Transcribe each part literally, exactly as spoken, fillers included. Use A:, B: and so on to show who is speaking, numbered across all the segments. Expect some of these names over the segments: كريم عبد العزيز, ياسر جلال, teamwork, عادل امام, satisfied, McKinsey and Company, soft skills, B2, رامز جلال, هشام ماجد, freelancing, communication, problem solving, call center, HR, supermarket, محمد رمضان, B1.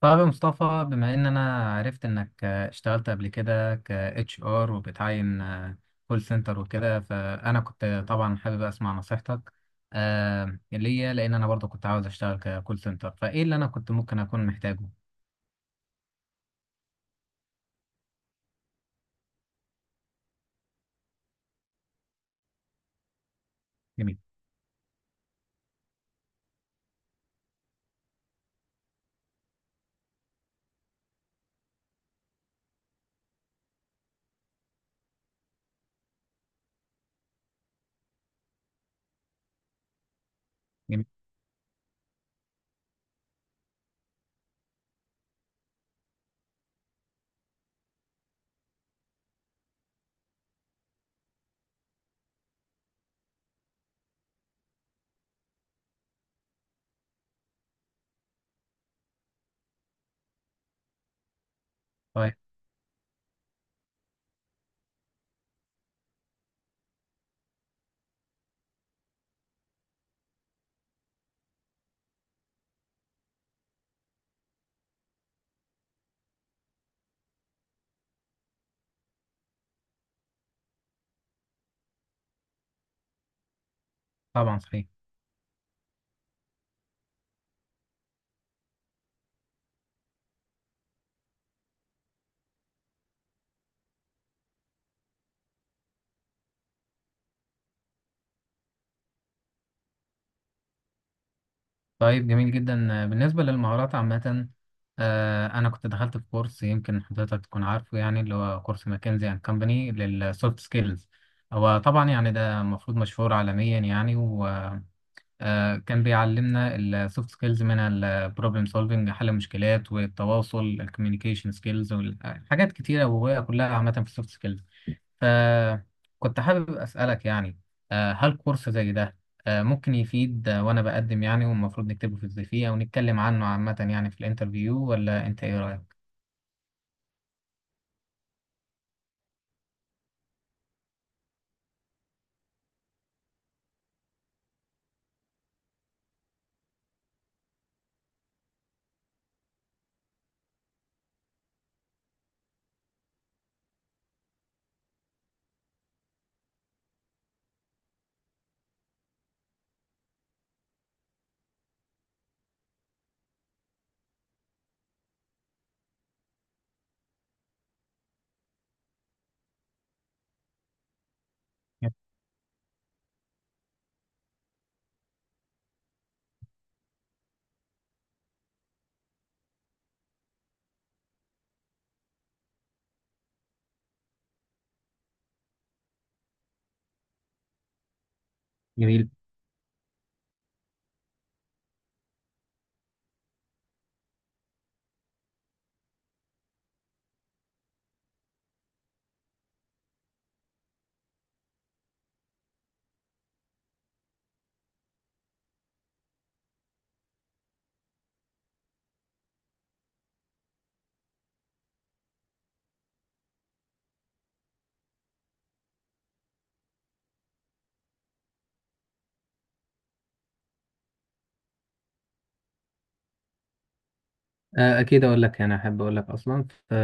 A: طيب يا مصطفى، بما ان انا عرفت انك آه، اشتغلت قبل كده ك اتش ار وبتعين كول سنتر وكده، فانا كنت طبعا حابب اسمع نصيحتك آه، ليا، لان انا برضو كنت عاوز اشتغل ككول سنتر، فايه اللي انا كنت ممكن اكون محتاجه. جميل. جميل. طيب. طبعا صحيح. طيب جميل جدا. بالنسبة للمهارات عامة، آه، أنا كنت دخلت في كورس يمكن حضرتك تكون عارفه، يعني اللي هو كورس ماكنزي أند كمباني للسوفت سكيلز. هو طبعا يعني ده المفروض مشهور عالميا يعني، وكان بيعلمنا السوفت سكيلز من البروبلم سولفنج، حل المشكلات، والتواصل الكوميونيكيشن سكيلز، وحاجات كتيرة وهي كلها عامة في السوفت سكيلز. فكنت حابب أسألك، يعني آه، هل كورس زي ده آه، ممكن يفيد، آه، وأنا بقدم يعني، والمفروض نكتبه في الزي أو نتكلم عنه عامة يعني في الانترفيو، ولا أنت إيه رأيك؟ جميل. آه، اكيد اقول لك، يعني احب اقول لك اصلا. ف-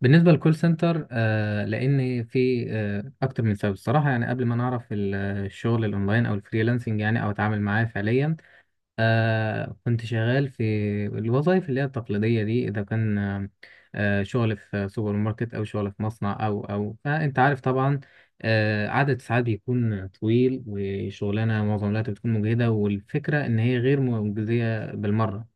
A: بالنسبه للكول سنتر، آه، لان في آه، اكتر من سبب الصراحه، يعني قبل ما نعرف ال- الشغل الاونلاين او الفريلانسنج يعني، او اتعامل معاه فعليا، آه كنت شغال في الوظائف اللي هي التقليدية دي. إذا كان آه آه، شغل في سوبر ماركت أو شغل في مصنع، أو أو فأنت عارف طبعا، آه عدد ساعات بيكون طويل، وشغلانة معظم الوقت بتكون مجهدة، والفكرة إن هي غير مجزية بالمرة.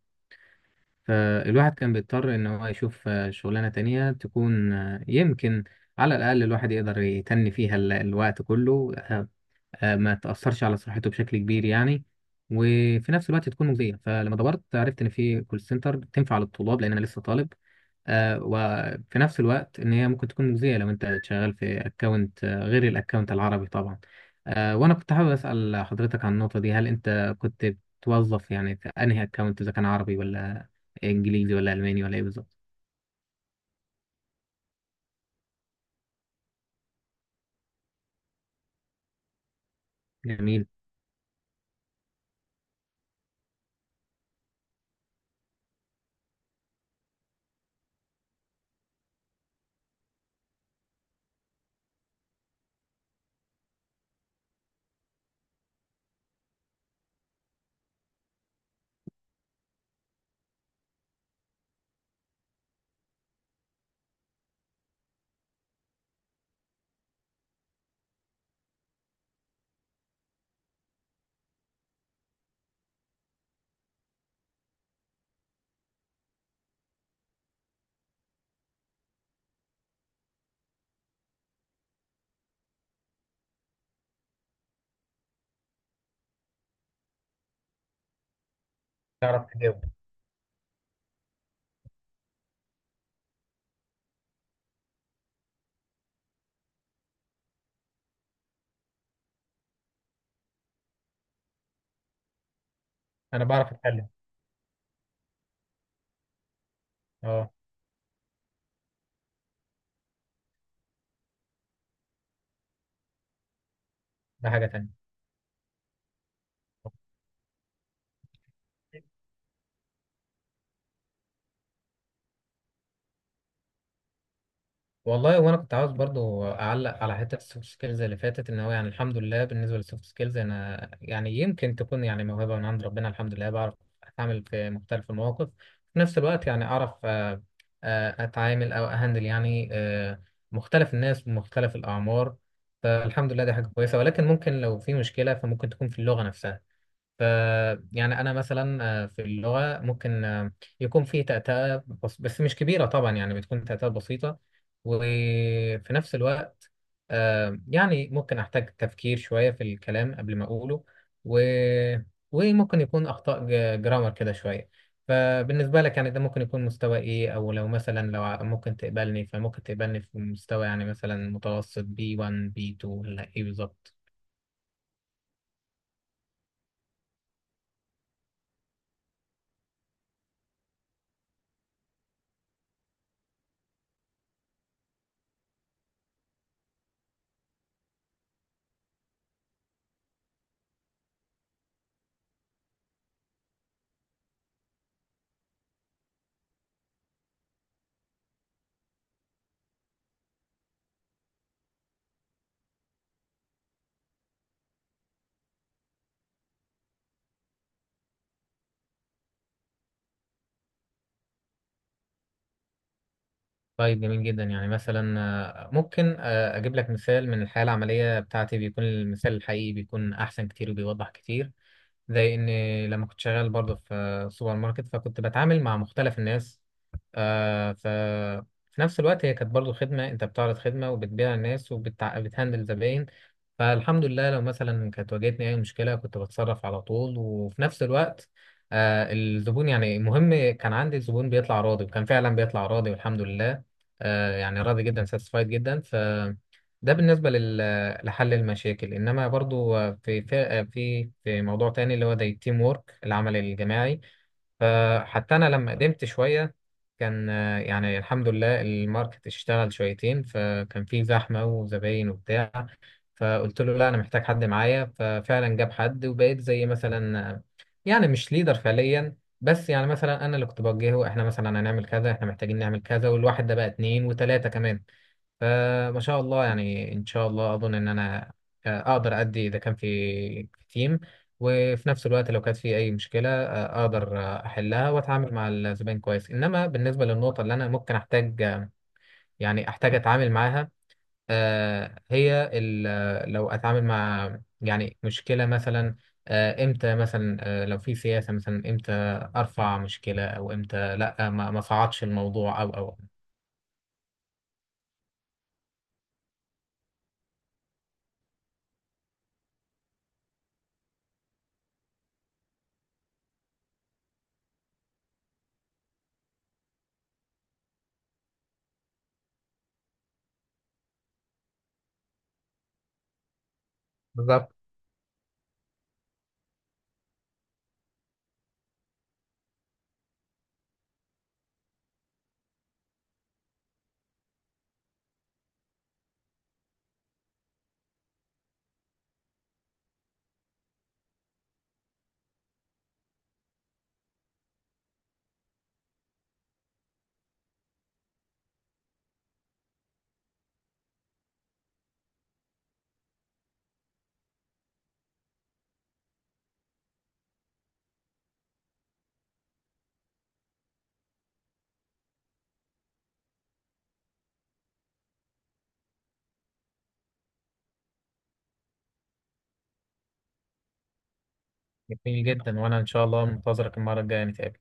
A: فالواحد كان بيضطر إن هو يشوف آه، شغلانة تانية تكون، آه، يمكن على الأقل الواحد يقدر يتني فيها ال- الوقت كله، آه، ما تأثرش على صحته بشكل كبير يعني، وفي نفس الوقت تكون مجزية. فلما دورت عرفت إن في كول سنتر تنفع للطلاب، لأن أنا لسه طالب، آه، وفي نفس الوقت إن هي ممكن تكون مجزية لو أنت شغال في أكونت غير الأكونت العربي طبعا. آه، وأنا كنت حابب أسأل حضرتك عن النقطة دي. هل أنت كنت بتوظف يعني في أنهي أكونت، إذا كان عربي ولا إنجليزي ولا ألماني ولا إيه بالظبط؟ جميل. تعرف تجاوب. انا بعرف اتكلم. اه. ده حاجه تانية. والله وانا كنت عاوز برضو اعلق على حته السوفت سكيلز اللي فاتت، ان هو يعني الحمد لله بالنسبه للسوفت سكيلز انا يعني، يمكن تكون يعني موهبه من عند ربنا، الحمد لله بعرف اتعامل في مختلف المواقف. في نفس الوقت يعني اعرف، آه، آه، اتعامل او اهندل يعني آه، مختلف الناس ومختلف الاعمار. فالحمد لله دي حاجه كويسه، ولكن ممكن لو في مشكله فممكن تكون في اللغه نفسها. ف يعني انا مثلا آه، في اللغه ممكن آه، يكون في تأتأة، بس, بس مش كبيره طبعا، يعني بتكون تأتأة بسيطه. وفي نفس الوقت آه، يعني ممكن احتاج تفكير شويه في الكلام قبل ما اقوله، و... وممكن يكون اخطاء ج- جرامر كده شويه. فبالنسبه لك يعني، ده ممكن يكون مستوى ايه؟ او لو مثلا لو ع- ممكن تقبلني، فممكن تقبلني في مستوى يعني مثلا متوسط B1 B2، ولا ايه بالظبط؟ طيب جميل جدا. يعني مثلا آه، ممكن آه، اجيب لك مثال من الحياه العمليه بتاعتي. بيكون المثال الحقيقي بيكون احسن كتير وبيوضح كتير. زي ان لما كنت شغال برضه في سوبر ماركت، فكنت بتعامل مع مختلف الناس، آه، ف في نفس الوقت هي كانت برضه خدمه، انت بتعرض خدمه وبتبيع الناس وبتهندل زباين. فالحمد لله لو مثلا كانت واجهتني اي مشكله كنت بتصرف على طول. وفي نفس الوقت آه الزبون، يعني المهم كان عندي الزبون بيطلع راضي، وكان فعلا بيطلع راضي والحمد لله، آه، يعني راضي جدا، ساتسفايد جدا. ف ده بالنسبة لل- لحل المشاكل. إنما برضو في في في في موضوع تاني اللي هو زي التيم وورك، العمل الجماعي. فحتى أنا لما قدمت شوية، كان آه، يعني الحمد لله الماركت اشتغل شويتين، فكان في زحمة وزباين وبتاع، فقلت له لا انا محتاج حد معايا، ففعلا جاب حد، وبقيت زي مثلا يعني مش ليدر فعليا، بس يعني مثلا انا اللي كنت بوجهه، احنا مثلا هنعمل كذا، احنا محتاجين نعمل كذا، والواحد ده بقى اتنين وتلاتة كمان. فما شاء الله، يعني ان شاء الله اظن ان انا آه، اقدر ادي اذا كان في تيم. وفي نفس الوقت لو كانت في اي مشكلة آه، اقدر آه، احلها واتعامل مع الزبائن كويس. انما بالنسبة للنقطة اللي انا ممكن احتاج آه، يعني احتاج اتعامل معاها، آه، هي ال- لو اتعامل مع يعني مشكله مثلا، آه، امتى مثلا، آه، لو في سياسه مثلا، امتى ارفع مشكله او امتى لا، ما ما صعدش الموضوع، او او. بالظبط. جميل جدا، وانا ان شاء الله منتظرك المره الجايه نتقابل.